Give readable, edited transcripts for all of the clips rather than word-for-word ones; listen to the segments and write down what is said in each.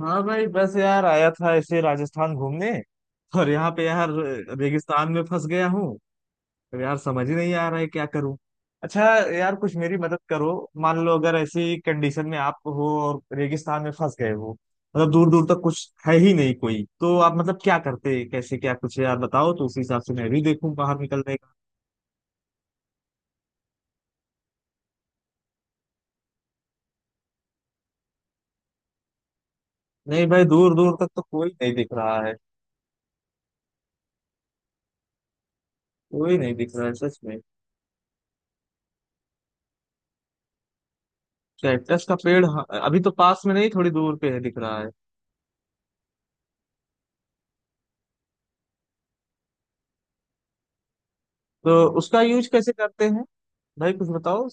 हाँ भाई, बस यार आया था ऐसे राजस्थान घूमने। और यहाँ पे यार रेगिस्तान में फंस गया हूँ। अब यार समझ ही नहीं आ रहा है क्या करूँ। अच्छा, यार कुछ मेरी मदद करो। मान लो अगर ऐसी कंडीशन में आप हो और रेगिस्तान में फंस गए हो, मतलब दूर दूर तक कुछ है ही नहीं कोई, तो आप मतलब क्या करते, कैसे, क्या कुछ यार बताओ तो उसी हिसाब से मैं भी देखूँ बाहर निकलने का। नहीं भाई, दूर दूर तक तो कोई नहीं दिख रहा है। कोई नहीं दिख रहा है सच में। कैक्टस का पेड़, हाँ, अभी तो पास में नहीं, थोड़ी दूर पे है, दिख रहा है। तो उसका यूज कैसे करते हैं? भाई कुछ बताओ।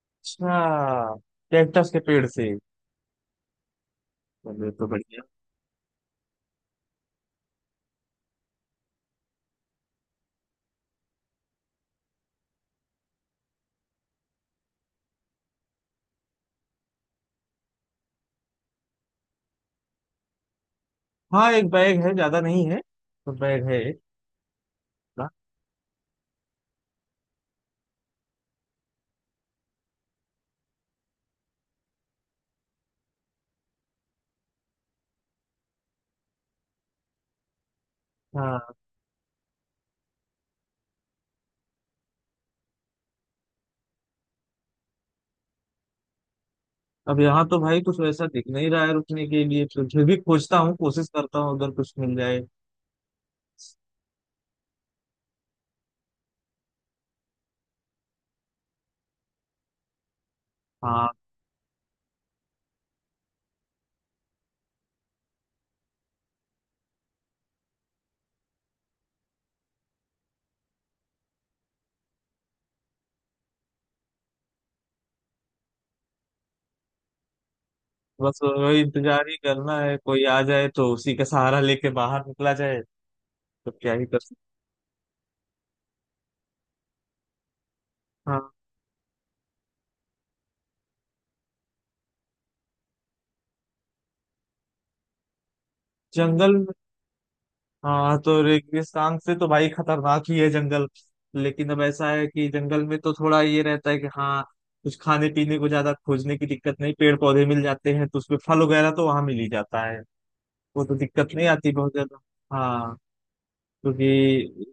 अच्छा, कैक्टस के पेड़ से। चलो तो बढ़िया। हाँ, एक बैग है, ज्यादा नहीं है, तो बैग है एक बड़ा। हाँ, अब यहाँ तो भाई कुछ वैसा दिख नहीं रहा है रुकने के लिए, तो फिर भी खोजता हूँ, कोशिश करता हूँ अगर कुछ मिल जाए। हाँ, बस वही इंतजार ही करना है, कोई आ जाए तो उसी का सहारा लेके बाहर निकला जाए। तो क्या ही कर सकते। हाँ, जंगल। हाँ, तो रेगिस्तान से तो भाई खतरनाक ही है जंगल। लेकिन अब ऐसा है कि जंगल में तो थोड़ा ये रहता है कि हाँ, कुछ खाने पीने को ज्यादा खोजने की दिक्कत नहीं, पेड़ पौधे मिल जाते हैं, तो उसमें फल वगैरह तो वहां मिल ही जाता है। वो तो दिक्कत नहीं आती बहुत ज्यादा। हाँ, क्योंकि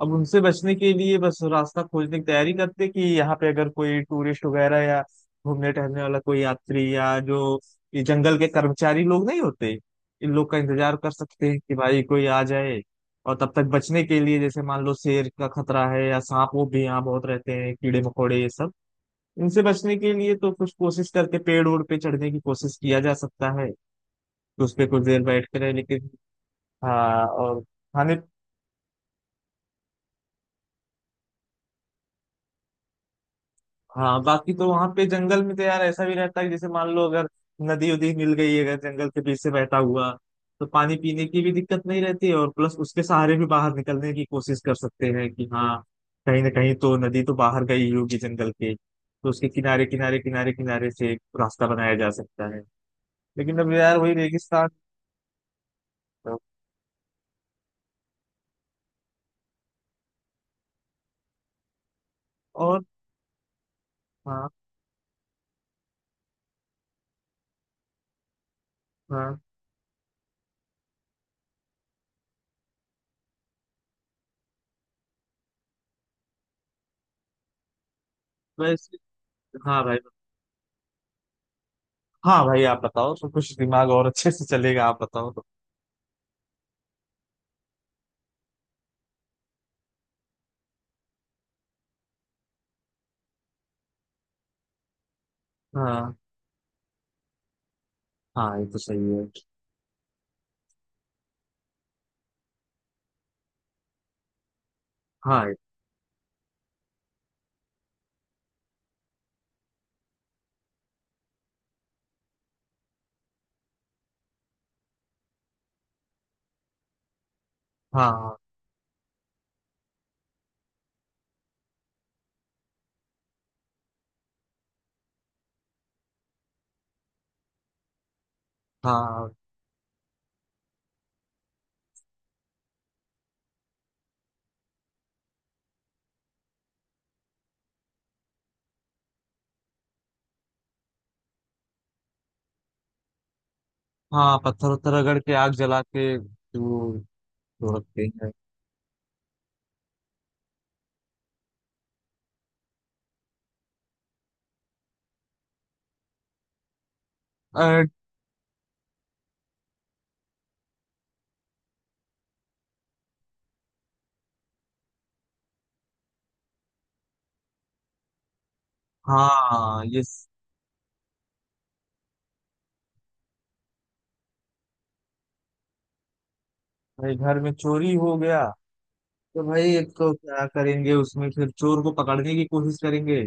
अब उनसे बचने के लिए बस रास्ता खोजने की तैयारी करते कि यहाँ पे अगर कोई टूरिस्ट वगैरह या घूमने टहलने वाला कोई यात्री, या जो ये जंगल के कर्मचारी लोग नहीं होते, इन लोग का इंतजार कर सकते हैं कि भाई कोई आ जाए। और तब तक बचने के लिए जैसे मान लो शेर का खतरा है या सांप, वो भी यहाँ बहुत रहते हैं, कीड़े मकोड़े ये सब, इनसे बचने के लिए तो कुछ कोशिश करके पेड़ ओड़ पे चढ़ने की कोशिश किया जा सकता है। तो उस पे कुछ देर बैठ कर है। लेकिन हाँ, और खाने, हाँ बाकी तो वहां पे जंगल में तो यार ऐसा भी रहता है कि जैसे मान लो, अगर नदी उदी मिल गई अगर जंगल के बीच से बहता हुआ, तो पानी पीने की भी दिक्कत नहीं रहती, और प्लस उसके सहारे भी बाहर निकलने की कोशिश कर सकते हैं कि हाँ, कहीं ना कहीं तो नदी तो बाहर गई ही होगी जंगल के, तो उसके किनारे किनारे किनारे किनारे से एक रास्ता बनाया जा सकता है। लेकिन अब यार वही रेगिस्तान। तो- और हाँ हाँ, वैसे हाँ भाई। हाँ भाई आप बताओ तो कुछ दिमाग और अच्छे से चलेगा, आप बताओ तो। हाँ हाँ, ये तो सही है। हाँ हाँ। हाँ हाँ, पत्थर उत्थर रगड़ के आग जला के वो तो रखते हैं। अ, हाँ ये भाई घर में चोरी हो गया तो भाई एक तो क्या करेंगे उसमें, फिर चोर को पकड़ने की कोशिश करेंगे।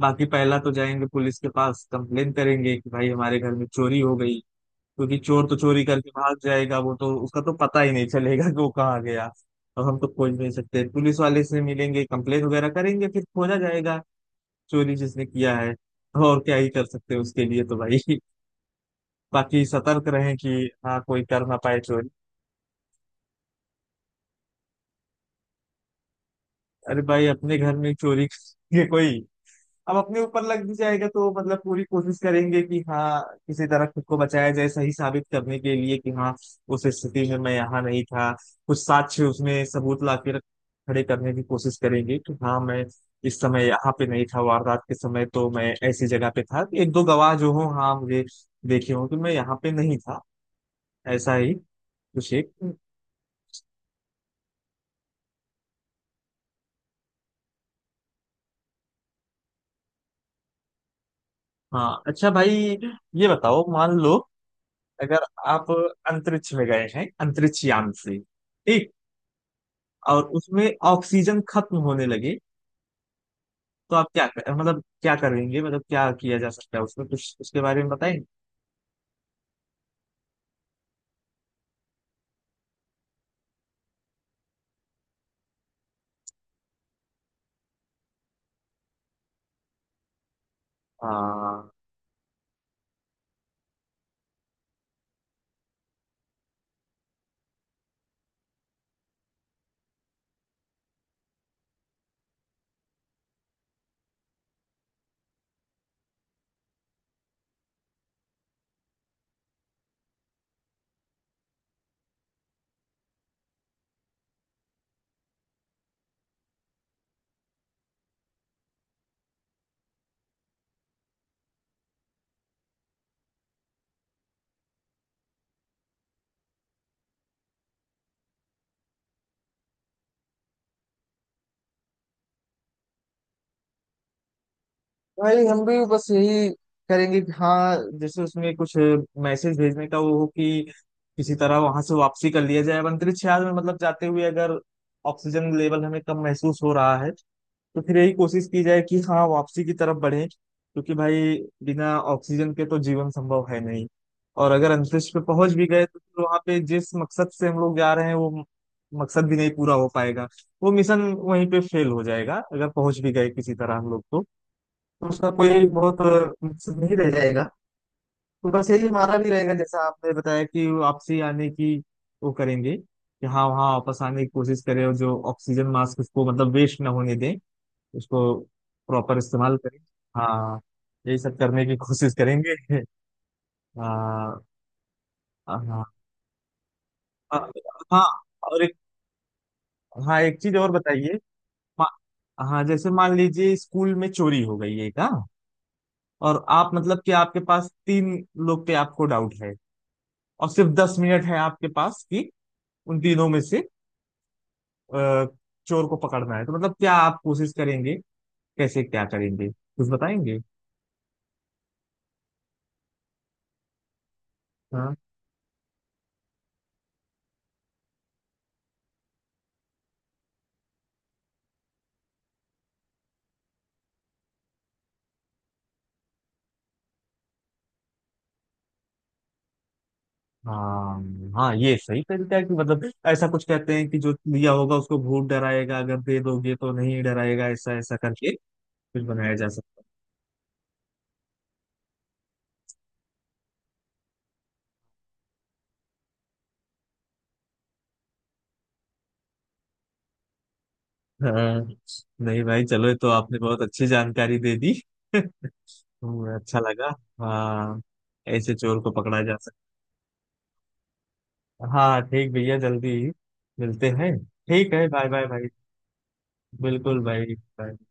बाकी पहला तो जाएंगे पुलिस के पास, कंप्लेन करेंगे कि भाई हमारे घर में चोरी हो गई। क्योंकि चोर तो चोरी करके भाग जाएगा, वो तो उसका तो पता ही नहीं चलेगा कि वो कहाँ गया। अब हम तो खोज नहीं सकते, पुलिस वाले से मिलेंगे, कंप्लेन वगैरह करेंगे, फिर खोजा जाएगा चोरी जिसने किया है। तो और क्या ही कर सकते हैं उसके लिए तो भाई बाकी सतर्क रहें कि हाँ, कोई कर ना पाए चोरी। अरे भाई, अपने घर में चोरी करेंगे कोई? अब अपने ऊपर लग भी जाएगा तो मतलब पूरी कोशिश करेंगे कि हाँ, किसी तरह खुद को बचाया जाए, सही साबित करने के लिए कि हाँ, उस स्थिति में मैं यहाँ नहीं था। कुछ साक्ष्य, उसमें सबूत ला के खड़े करने की कोशिश करेंगे कि हाँ मैं इस समय यहाँ पे नहीं था, वारदात के समय तो मैं ऐसी जगह पे था, एक दो गवाह जो हो, हाँ मुझे देखे हो कि मैं यहाँ पे नहीं था। ऐसा ही कुछ एक। हाँ अच्छा भाई, ये बताओ, मान लो अगर आप अंतरिक्ष में गए हैं, अंतरिक्ष यान से, ठीक, और उसमें ऑक्सीजन खत्म होने लगे तो आप क्या कर मतलब क्या करेंगे, मतलब क्या किया जा सकता है उसमें कुछ, उसके बारे में बताएं। हाँ भाई, हम भी बस यही करेंगे कि हाँ, जैसे उसमें कुछ मैसेज भेजने का वो हो, कि किसी तरह वहां से वापसी कर लिया जाए। अब अंतरिक्ष यान में मतलब जाते हुए अगर ऑक्सीजन लेवल हमें कम महसूस हो रहा है तो फिर यही कोशिश की जाए कि हाँ, वापसी की तरफ बढ़े। क्योंकि भाई बिना ऑक्सीजन के तो जीवन संभव है नहीं। और अगर अंतरिक्ष पे पहुंच भी गए तो फिर वहां पे जिस मकसद से हम लोग जा रहे हैं वो मकसद भी नहीं पूरा हो पाएगा। वो मिशन वहीं पे फेल हो जाएगा। अगर पहुंच भी गए किसी तरह हम लोग तो उसका कोई बहुत मकसद नहीं रह जाएगा। तो बस यही हमारा भी रहेगा जैसा आपने बताया कि वापसी आने की, वो करेंगे कि हाँ वहाँ वापस आने की कोशिश करें। और जो ऑक्सीजन मास्क उसको, मतलब वेस्ट ना होने दें, उसको प्रॉपर इस्तेमाल करें। हाँ, यही सब करने की कोशिश करेंगे हाँ हाँ हाँ हाँ, और एक, हाँ एक चीज और बताइए। मा- हाँ, जैसे मान लीजिए स्कूल में चोरी हो गई एक, हाँ, और आप मतलब कि आपके पास तीन लोग पे आपको डाउट है, और सिर्फ 10 मिनट है आपके पास कि उन तीनों में से अ, चोर को पकड़ना है, तो मतलब क्या आप कोशिश करेंगे, कैसे क्या करेंगे, कुछ बताएंगे। हाँ। हाँ हाँ, ये सही तरीका है कि मतलब ऐसा कुछ कहते हैं कि जो दिया होगा उसको भूत डराएगा, अगर दे दोगे तो नहीं डराएगा, ऐसा ऐसा करके कुछ बनाया जा सकता है। हाँ, नहीं भाई चलो ये तो आपने बहुत अच्छी जानकारी दे दी अच्छा लगा। हाँ ऐसे चोर को पकड़ा जा सकता है। हाँ ठीक भैया, जल्दी मिलते हैं। ठीक है, बाय बाय भाई। बिल्कुल भाई, bye।